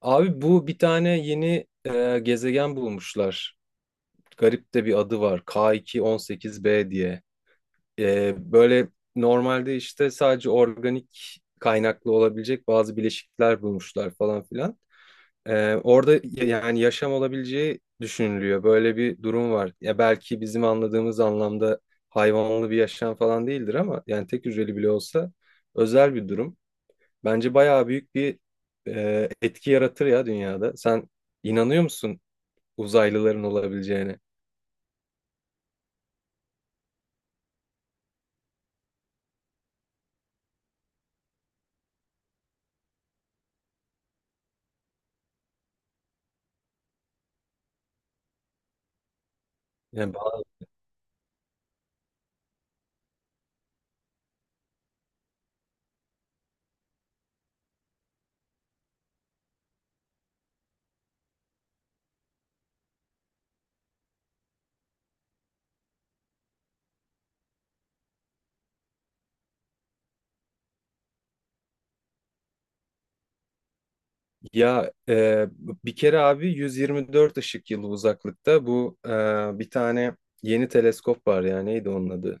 Abi bu bir tane yeni gezegen bulmuşlar. Garip de bir adı var, K218b diye. Böyle normalde işte sadece organik kaynaklı olabilecek bazı bileşikler bulmuşlar falan filan. Orada yani yaşam olabileceği düşünülüyor. Böyle bir durum var. Ya belki bizim anladığımız anlamda hayvanlı bir yaşam falan değildir ama yani tek hücreli bile olsa özel bir durum. Bence bayağı büyük bir etki yaratır ya dünyada. Sen inanıyor musun uzaylıların olabileceğine? Yani, ba- ya e, Bir kere abi 124 ışık yılı uzaklıkta bu, bir tane yeni teleskop var ya, neydi onun adı?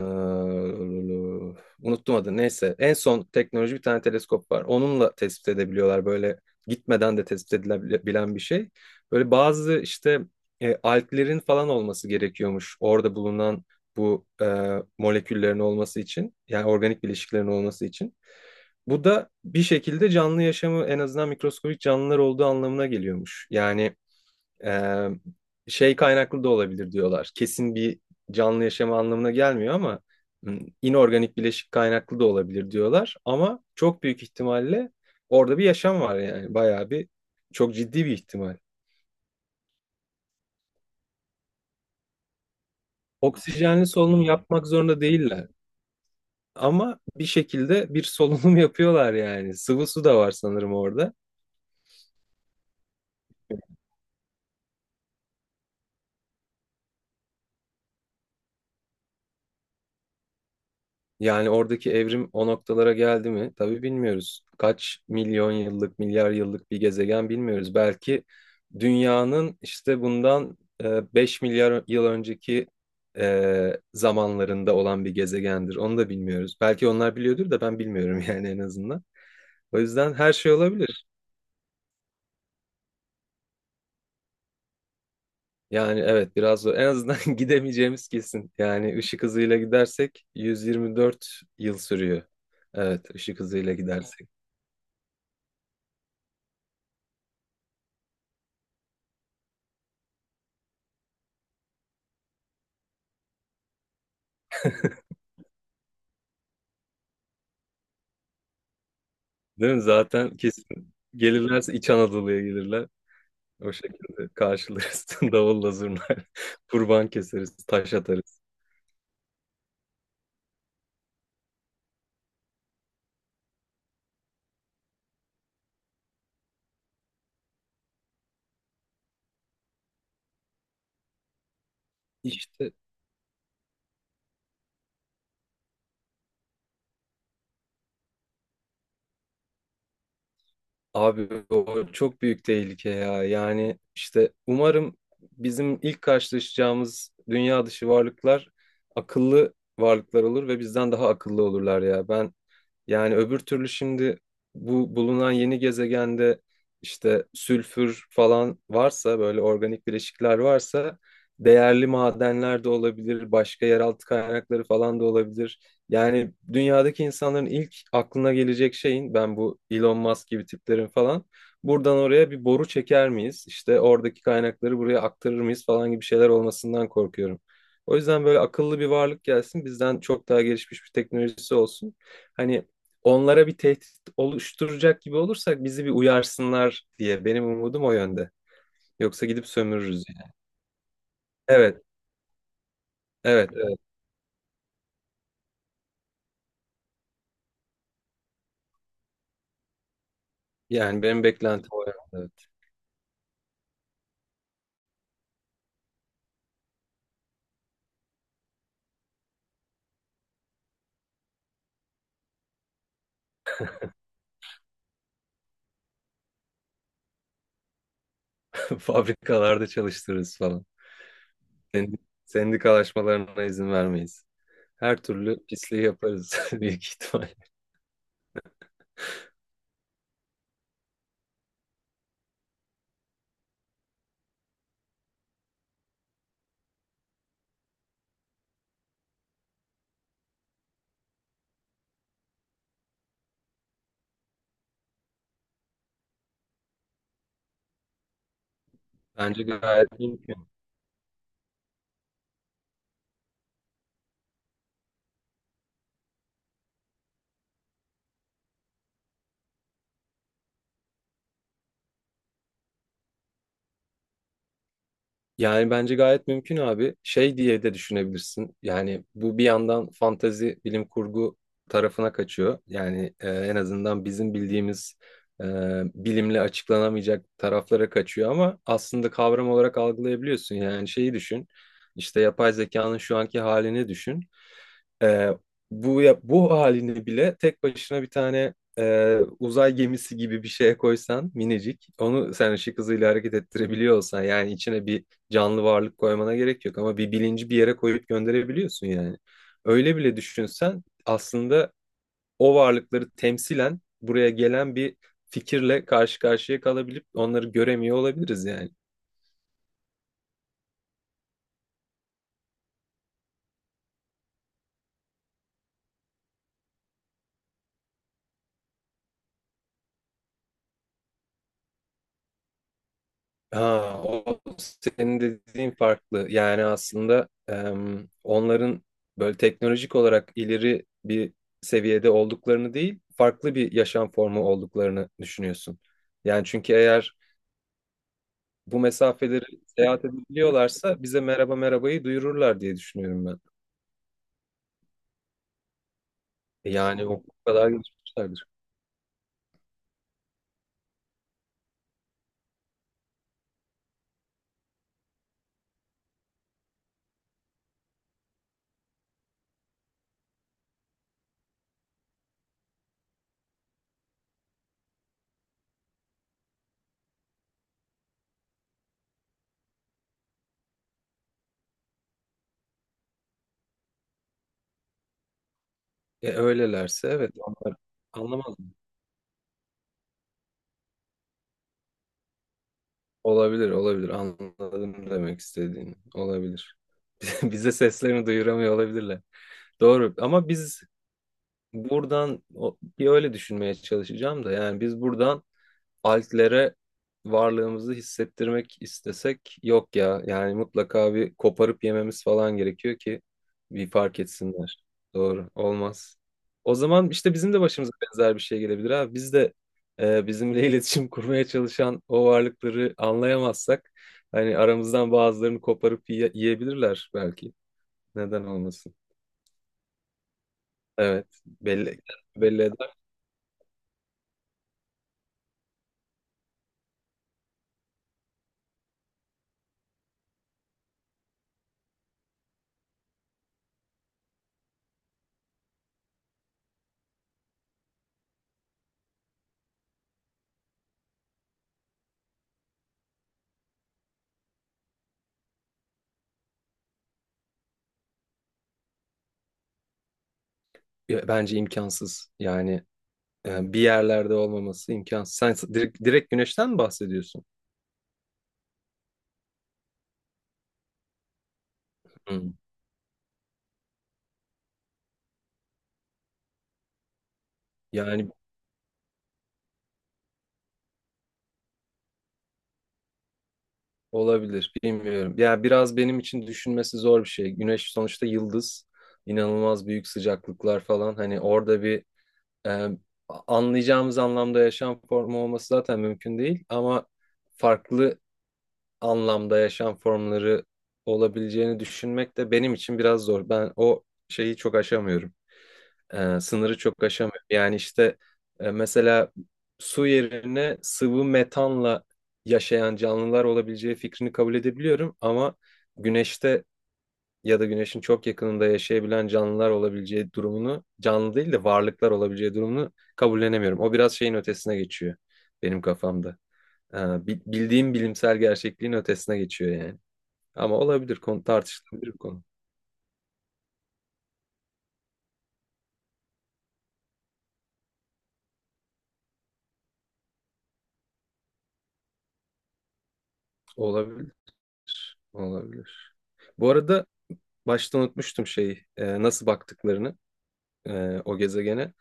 Ee, Unuttum adını. Neyse. En son teknoloji bir tane teleskop var. Onunla tespit edebiliyorlar, böyle gitmeden de tespit edilebilen bir şey. Böyle bazı işte alglerin falan olması gerekiyormuş, orada bulunan bu moleküllerin olması için. Yani organik bileşiklerin olması için. Bu da bir şekilde canlı yaşamı, en azından mikroskobik canlılar olduğu anlamına geliyormuş. Yani ee, şey kaynaklı da olabilir diyorlar. Kesin bir canlı yaşama anlamına gelmiyor ama inorganik bileşik kaynaklı da olabilir diyorlar. Ama çok büyük ihtimalle orada bir yaşam var, yani bayağı bir çok ciddi bir ihtimal. Oksijenli solunum yapmak zorunda değiller ama bir şekilde bir solunum yapıyorlar yani. Sıvı su da var sanırım orada. Yani oradaki evrim o noktalara geldi mi? Tabii bilmiyoruz. Kaç milyon yıllık, milyar yıllık bir gezegen bilmiyoruz. Belki dünyanın işte bundan 5 milyar yıl önceki zamanlarında olan bir gezegendir. Onu da bilmiyoruz. Belki onlar biliyordur da ben bilmiyorum yani en azından. O yüzden her şey olabilir. Yani evet, biraz zor. En azından gidemeyeceğimiz kesin. Yani ışık hızıyla gidersek 124 yıl sürüyor. Evet, ışık hızıyla gidersek. Değil mi? Zaten kesin gelirlerse İç Anadolu'ya gelirler. O şekilde karşılarız. Davulla zurna kurban keseriz, taş atarız. İşte abi o çok büyük tehlike ya. Yani işte umarım bizim ilk karşılaşacağımız dünya dışı varlıklar akıllı varlıklar olur ve bizden daha akıllı olurlar ya. Ben yani öbür türlü şimdi bu bulunan yeni gezegende işte sülfür falan varsa, böyle organik bileşikler varsa değerli madenler de olabilir, başka yeraltı kaynakları falan da olabilir. Yani dünyadaki insanların ilk aklına gelecek şeyin, ben bu Elon Musk gibi tiplerin falan buradan oraya bir boru çeker miyiz, İşte oradaki kaynakları buraya aktarır mıyız falan gibi şeyler olmasından korkuyorum. O yüzden böyle akıllı bir varlık gelsin, bizden çok daha gelişmiş bir teknolojisi olsun. Hani onlara bir tehdit oluşturacak gibi olursak bizi bir uyarsınlar diye, benim umudum o yönde. Yoksa gidip sömürürüz yani. Evet, evet, evet. Yani benim beklentim o yönde. Fabrikalarda çalıştırırız falan. Sendi- Sendikalaşmalarına izin vermeyiz. Her türlü pisliği yaparız büyük ihtimal. Bence gayet mümkün. Yani bence gayet mümkün abi. Şey diye de düşünebilirsin. Yani bu bir yandan fantezi, bilim kurgu tarafına kaçıyor. Yani en azından bizim bildiğimiz e, bilimle açıklanamayacak taraflara kaçıyor ama aslında kavram olarak algılayabiliyorsun. Yani şeyi düşün. İşte yapay zekanın şu anki halini düşün. Ee, Bu bu halini bile tek başına bir tane uzay gemisi gibi bir şeye koysan, minicik, onu sen ışık hızıyla hareket ettirebiliyor olsan, yani içine bir canlı varlık koymana gerek yok ama bir bilinci bir yere koyup gönderebiliyorsun yani. Öyle bile düşünsen aslında o varlıkları temsilen buraya gelen bir fikirle karşı karşıya kalabilip onları göremiyor olabiliriz yani. Ha, o senin dediğin farklı. Yani aslında onların böyle teknolojik olarak ileri bir seviyede olduklarını değil, farklı bir yaşam formu olduklarını düşünüyorsun. Yani çünkü eğer bu mesafeleri seyahat edebiliyorlarsa bize merhaba merhabayı duyururlar diye düşünüyorum ben. Yani o kadar gelişmişlerdir. E, öylelerse evet, onlar anlamadım. Olabilir, olabilir. Anladım demek istediğini. Olabilir. Bize seslerini duyuramıyor olabilirler. Doğru, ama biz buradan bir öyle düşünmeye çalışacağım da, yani biz buradan altlere varlığımızı hissettirmek istesek, yok ya yani mutlaka bir koparıp yememiz falan gerekiyor ki bir fark etsinler. Doğru olmaz. O zaman işte bizim de başımıza benzer bir şey gelebilir abi. Biz de bizimle iletişim kurmaya çalışan o varlıkları anlayamazsak, hani aramızdan bazılarını koparıp yiyebilirler belki. Neden olmasın? Evet, belli, belli. Ya bence imkansız. Yani bir yerlerde olmaması imkansız. Sen direkt, direkt güneşten mi bahsediyorsun? Hı. Yani olabilir, bilmiyorum. Ya biraz benim için düşünmesi zor bir şey. Güneş sonuçta yıldız, inanılmaz büyük sıcaklıklar falan. Hani orada bir e, anlayacağımız anlamda yaşam formu olması zaten mümkün değil. Ama farklı anlamda yaşam formları olabileceğini düşünmek de benim için biraz zor. Ben o şeyi çok aşamıyorum. E, sınırı çok aşamıyor. Yani işte mesela su yerine sıvı metanla yaşayan canlılar olabileceği fikrini kabul edebiliyorum, ama güneşte ya da güneşin çok yakınında yaşayabilen canlılar olabileceği durumunu, canlı değil de varlıklar olabileceği durumunu kabullenemiyorum. O biraz şeyin ötesine geçiyor benim kafamda. E, bildiğim bilimsel gerçekliğin ötesine geçiyor yani. Ama olabilir, konu tartışılabilir bir konu. Olabilir, olabilir. Bu arada başta unutmuştum şeyi, nasıl baktıklarını o gezegene.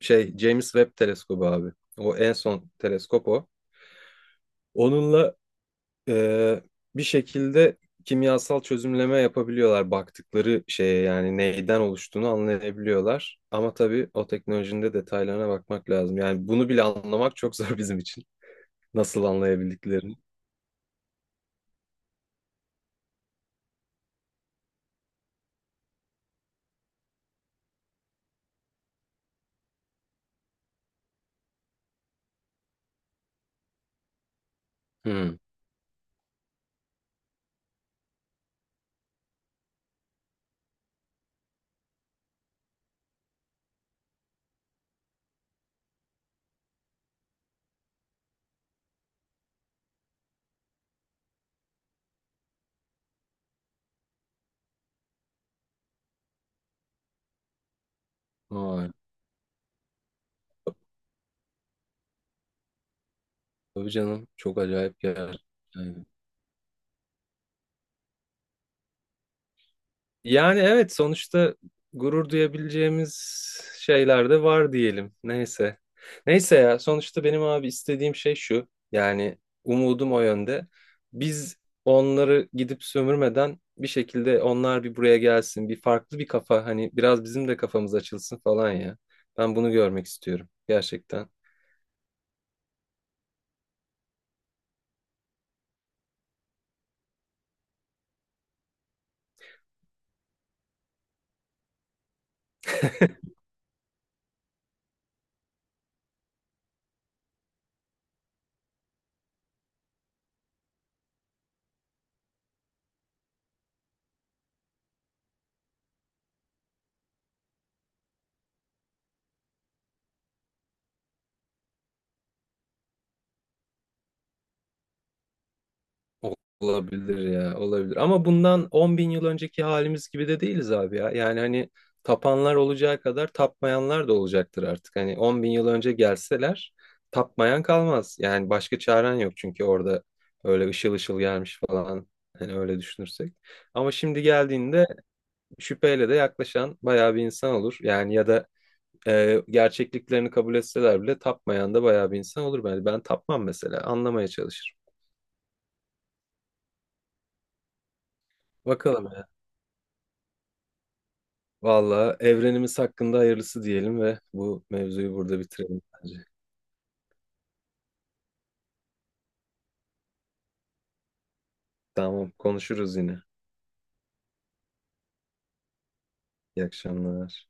Şey, James Webb teleskobu abi. O en son teleskop o. Onunla e, bir şekilde kimyasal çözümleme yapabiliyorlar baktıkları şeye, yani neyden oluştuğunu anlayabiliyorlar. Ama tabii o teknolojinin de detaylarına bakmak lazım. Yani bunu bile anlamak çok zor bizim için. Nasıl anlayabildiklerini. Hmm. Vay. Tabii canım, çok acayip yer. Yani evet, sonuçta gurur duyabileceğimiz şeyler de var diyelim. Neyse. Neyse ya, sonuçta benim abi istediğim şey şu. Yani umudum o yönde. Biz onları gidip sömürmeden bir şekilde onlar bir buraya gelsin. Bir farklı bir kafa, hani biraz bizim de kafamız açılsın falan ya. Ben bunu görmek istiyorum gerçekten. Olabilir ya, olabilir. Ama bundan 10 bin yıl önceki halimiz gibi de değiliz abi ya. Yani hani tapanlar olacağı kadar tapmayanlar da olacaktır artık. Hani 10 bin yıl önce gelseler tapmayan kalmaz. Yani başka çaren yok çünkü orada öyle ışıl ışıl gelmiş falan. Hani öyle düşünürsek. Ama şimdi geldiğinde şüpheyle de yaklaşan bayağı bir insan olur. Yani ya da gerçekliklerini kabul etseler bile tapmayan da bayağı bir insan olur. Ben, ben tapmam mesela, anlamaya çalışırım. Bakalım. Valla evrenimiz hakkında hayırlısı diyelim ve bu mevzuyu burada bitirelim bence. Tamam, konuşuruz yine. İyi akşamlar.